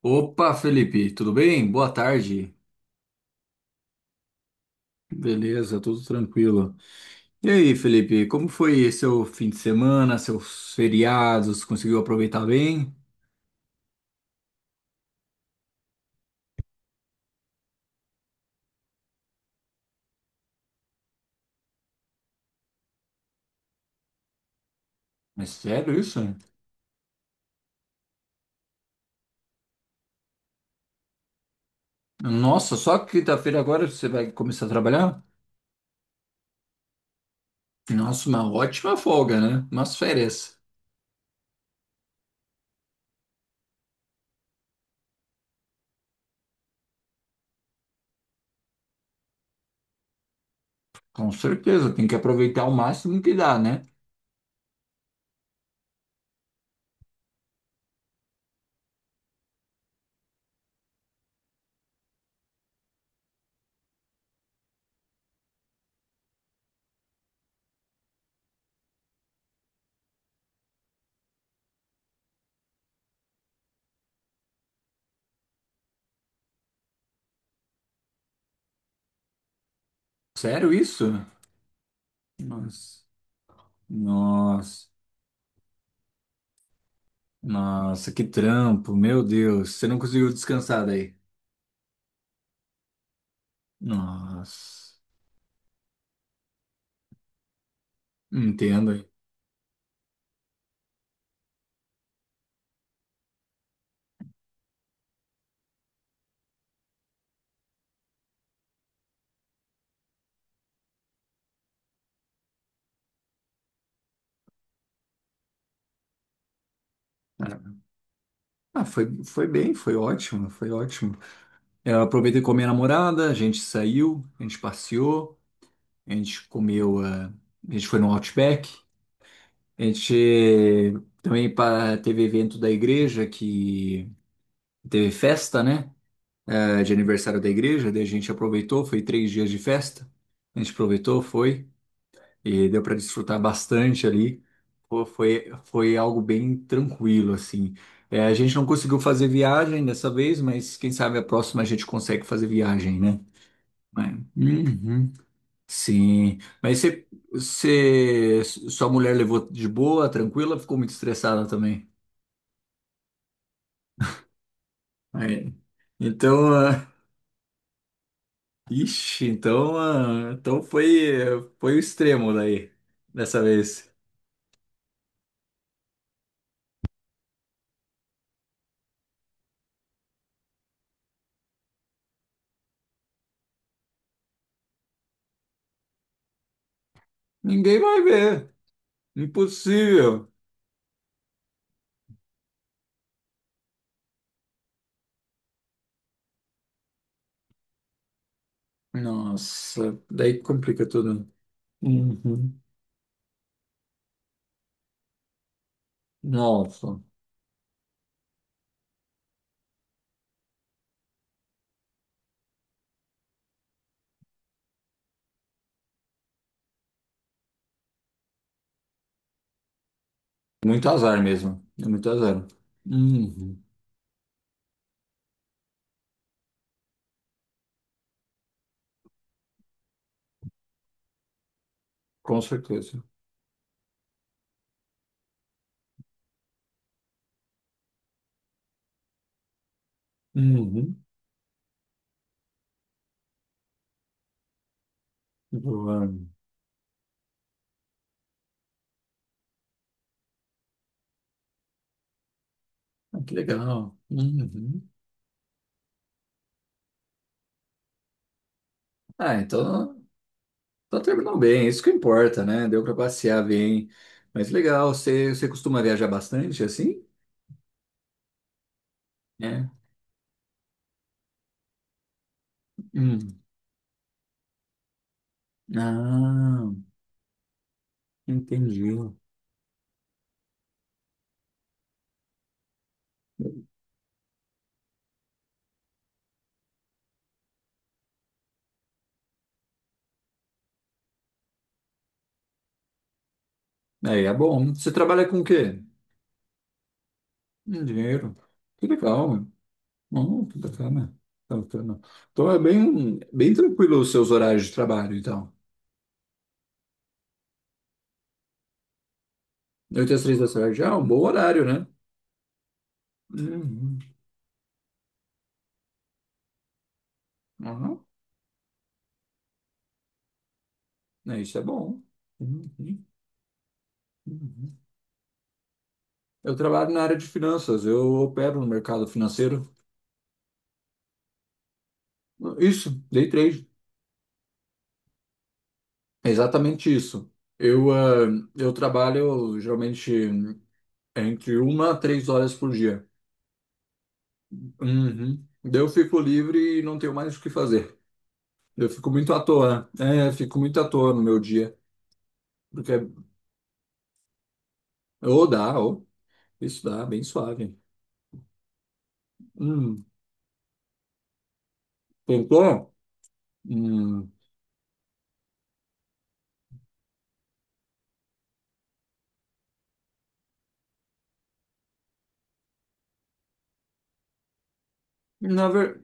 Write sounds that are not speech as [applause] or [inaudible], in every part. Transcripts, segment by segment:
Opa, Felipe, tudo bem? Boa tarde. Beleza, tudo tranquilo. E aí, Felipe, como foi seu fim de semana, seus feriados? Conseguiu aproveitar bem? É sério isso? Nossa, só quinta-feira agora você vai começar a trabalhar? Nossa, uma ótima folga, né? Umas férias. Com certeza, tem que aproveitar o máximo que dá, né? Sério isso? Nossa, nossa, nossa, que trampo, meu Deus. Você não conseguiu descansar daí? Nossa. Entendo, hein? É. Ah, foi bem, foi ótimo, foi ótimo. Eu aproveitei com a minha namorada, a gente saiu, a gente passeou, a gente comeu, a gente foi no Outback, a gente também teve evento da igreja que teve festa, né? De aniversário da igreja, daí a gente aproveitou, foi 3 dias de festa. A gente aproveitou, foi, e deu para desfrutar bastante ali. Pô, foi, foi algo bem tranquilo, assim. É, a gente não conseguiu fazer viagem dessa vez, mas quem sabe a próxima a gente consegue fazer viagem, né? Uhum. Sim. Mas sua mulher levou de boa, tranquila, ficou muito estressada também. Aí. Então, [laughs] ixi, então, então foi, foi o extremo daí, dessa vez. Ninguém vai ver. Impossível. Nossa, daí complica tudo. Uhum. Nossa, muito azar mesmo. É muito azar. Uhum. Com certeza. Uhum. Boa. Ah, que legal. Uhum. Ah, então, então terminou bem. Isso que importa, né? Deu para passear bem. Mas legal, você, você costuma viajar bastante assim? É. Hum. Ah, entendi. Aí é bom. Você trabalha com o quê? Dinheiro. Que legal. Oh, que bacana. Que bacana. Então é bem, bem tranquilo os seus horários de trabalho, então. 8 às 3 da tarde, ah, um bom horário, né? Uhum. Aham. É, isso é bom. Uhum. Uhum. Eu trabalho na área de finanças, eu opero no mercado financeiro. Isso, day trade. É exatamente isso. Eu, ah, eu trabalho geralmente entre 1 a 3 horas por dia. Uhum. Daí eu fico livre e não tenho mais o que fazer. Eu fico muito à toa. É, fico muito à toa no meu dia. Porque, ou dá, ou isso dá, bem suave. Hum, tentou? Hum, na ver,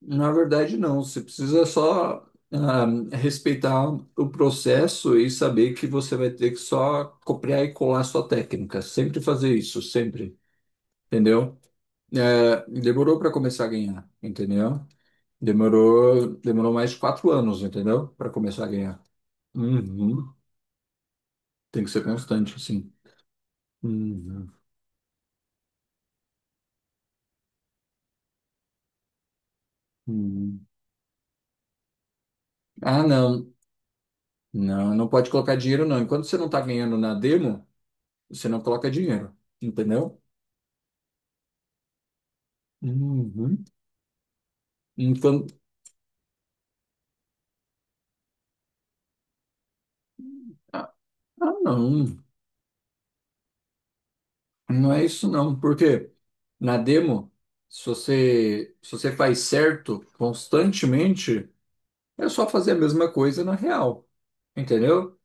na verdade, não. Você precisa só ah, respeitar o processo e saber que você vai ter que só copiar e colar sua técnica. Sempre fazer isso, sempre. Entendeu? É, demorou para começar a ganhar, entendeu? Demorou, demorou mais de 4 anos, entendeu? Para começar a ganhar. Uhum. Tem que ser constante, assim. Uhum, uhum. Ah, não. Não, não pode colocar dinheiro, não. Enquanto você não está ganhando na demo, você não coloca dinheiro. Entendeu? Uhum. Então, ah, não. Não é isso, não. Porque na demo, se você faz certo constantemente, é só fazer a mesma coisa na real. Entendeu?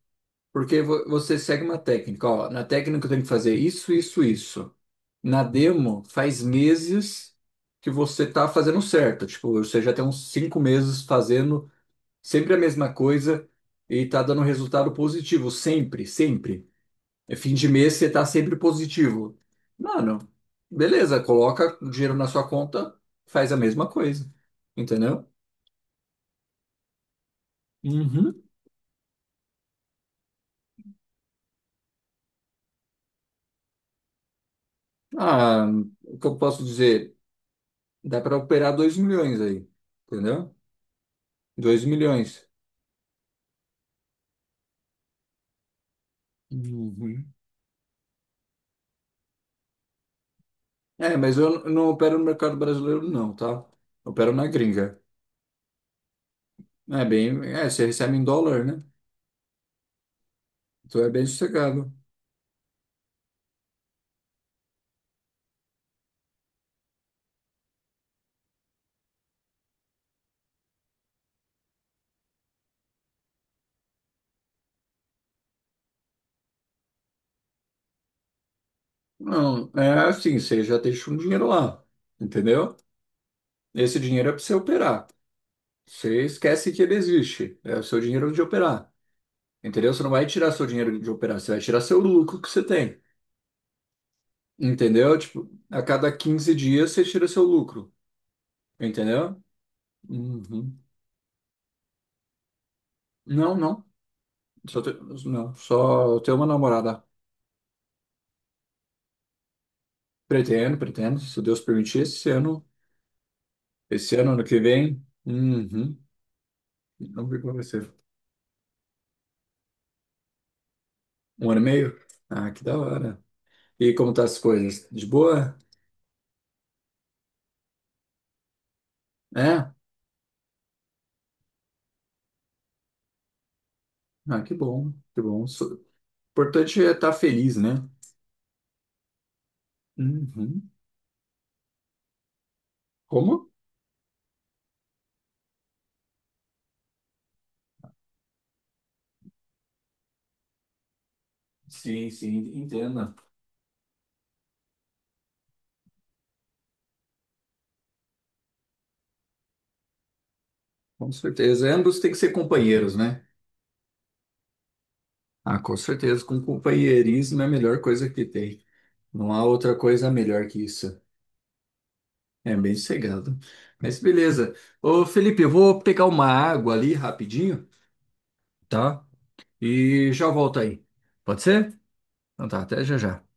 Porque você segue uma técnica, ó, na técnica eu tenho que fazer isso, isso, isso. Na demo, faz meses que você tá fazendo certo, tipo, você já tem uns 5 meses fazendo sempre a mesma coisa e tá dando resultado positivo, sempre, sempre. É fim de mês, você tá sempre positivo. Mano, beleza, coloca o dinheiro na sua conta, faz a mesma coisa, entendeu? Uhum. Ah, o que eu posso dizer? Dá para operar 2 milhões aí, entendeu? 2 milhões. Uhum. É, mas eu não opero no mercado brasileiro, não, tá? Eu opero na gringa. É bem. É, você recebe em dólar, né? Então é bem sossegado. Não, é assim, você já deixa um dinheiro lá, entendeu? Esse dinheiro é para você operar. Você esquece que ele existe. É o seu dinheiro de operar, entendeu? Você não vai tirar seu dinheiro de operar, você vai tirar seu lucro que você tem, entendeu? Tipo, a cada 15 dias você tira seu lucro, entendeu? Uhum. Não, não. Só te- Não, só ter uma namorada. Pretendo, pretendo, se Deus permitir, esse ano. Esse ano, ano que vem. Uhum. Não vi como vai ser. Um ano e meio? Ah, que da hora. E como tá as coisas? De boa? É? Ah, que bom, que bom. O importante é estar feliz, né? Uhum. Como? Sim, sim, entendo. Com certeza. Ambos têm que ser companheiros, né? Ah, com certeza. Com companheirismo é a melhor coisa que tem. Não há outra coisa melhor que isso. É bem sossegado. Mas beleza. Ô, Felipe, eu vou pegar uma água ali rapidinho, tá? E já volto aí. Pode ser? Então tá, até já já.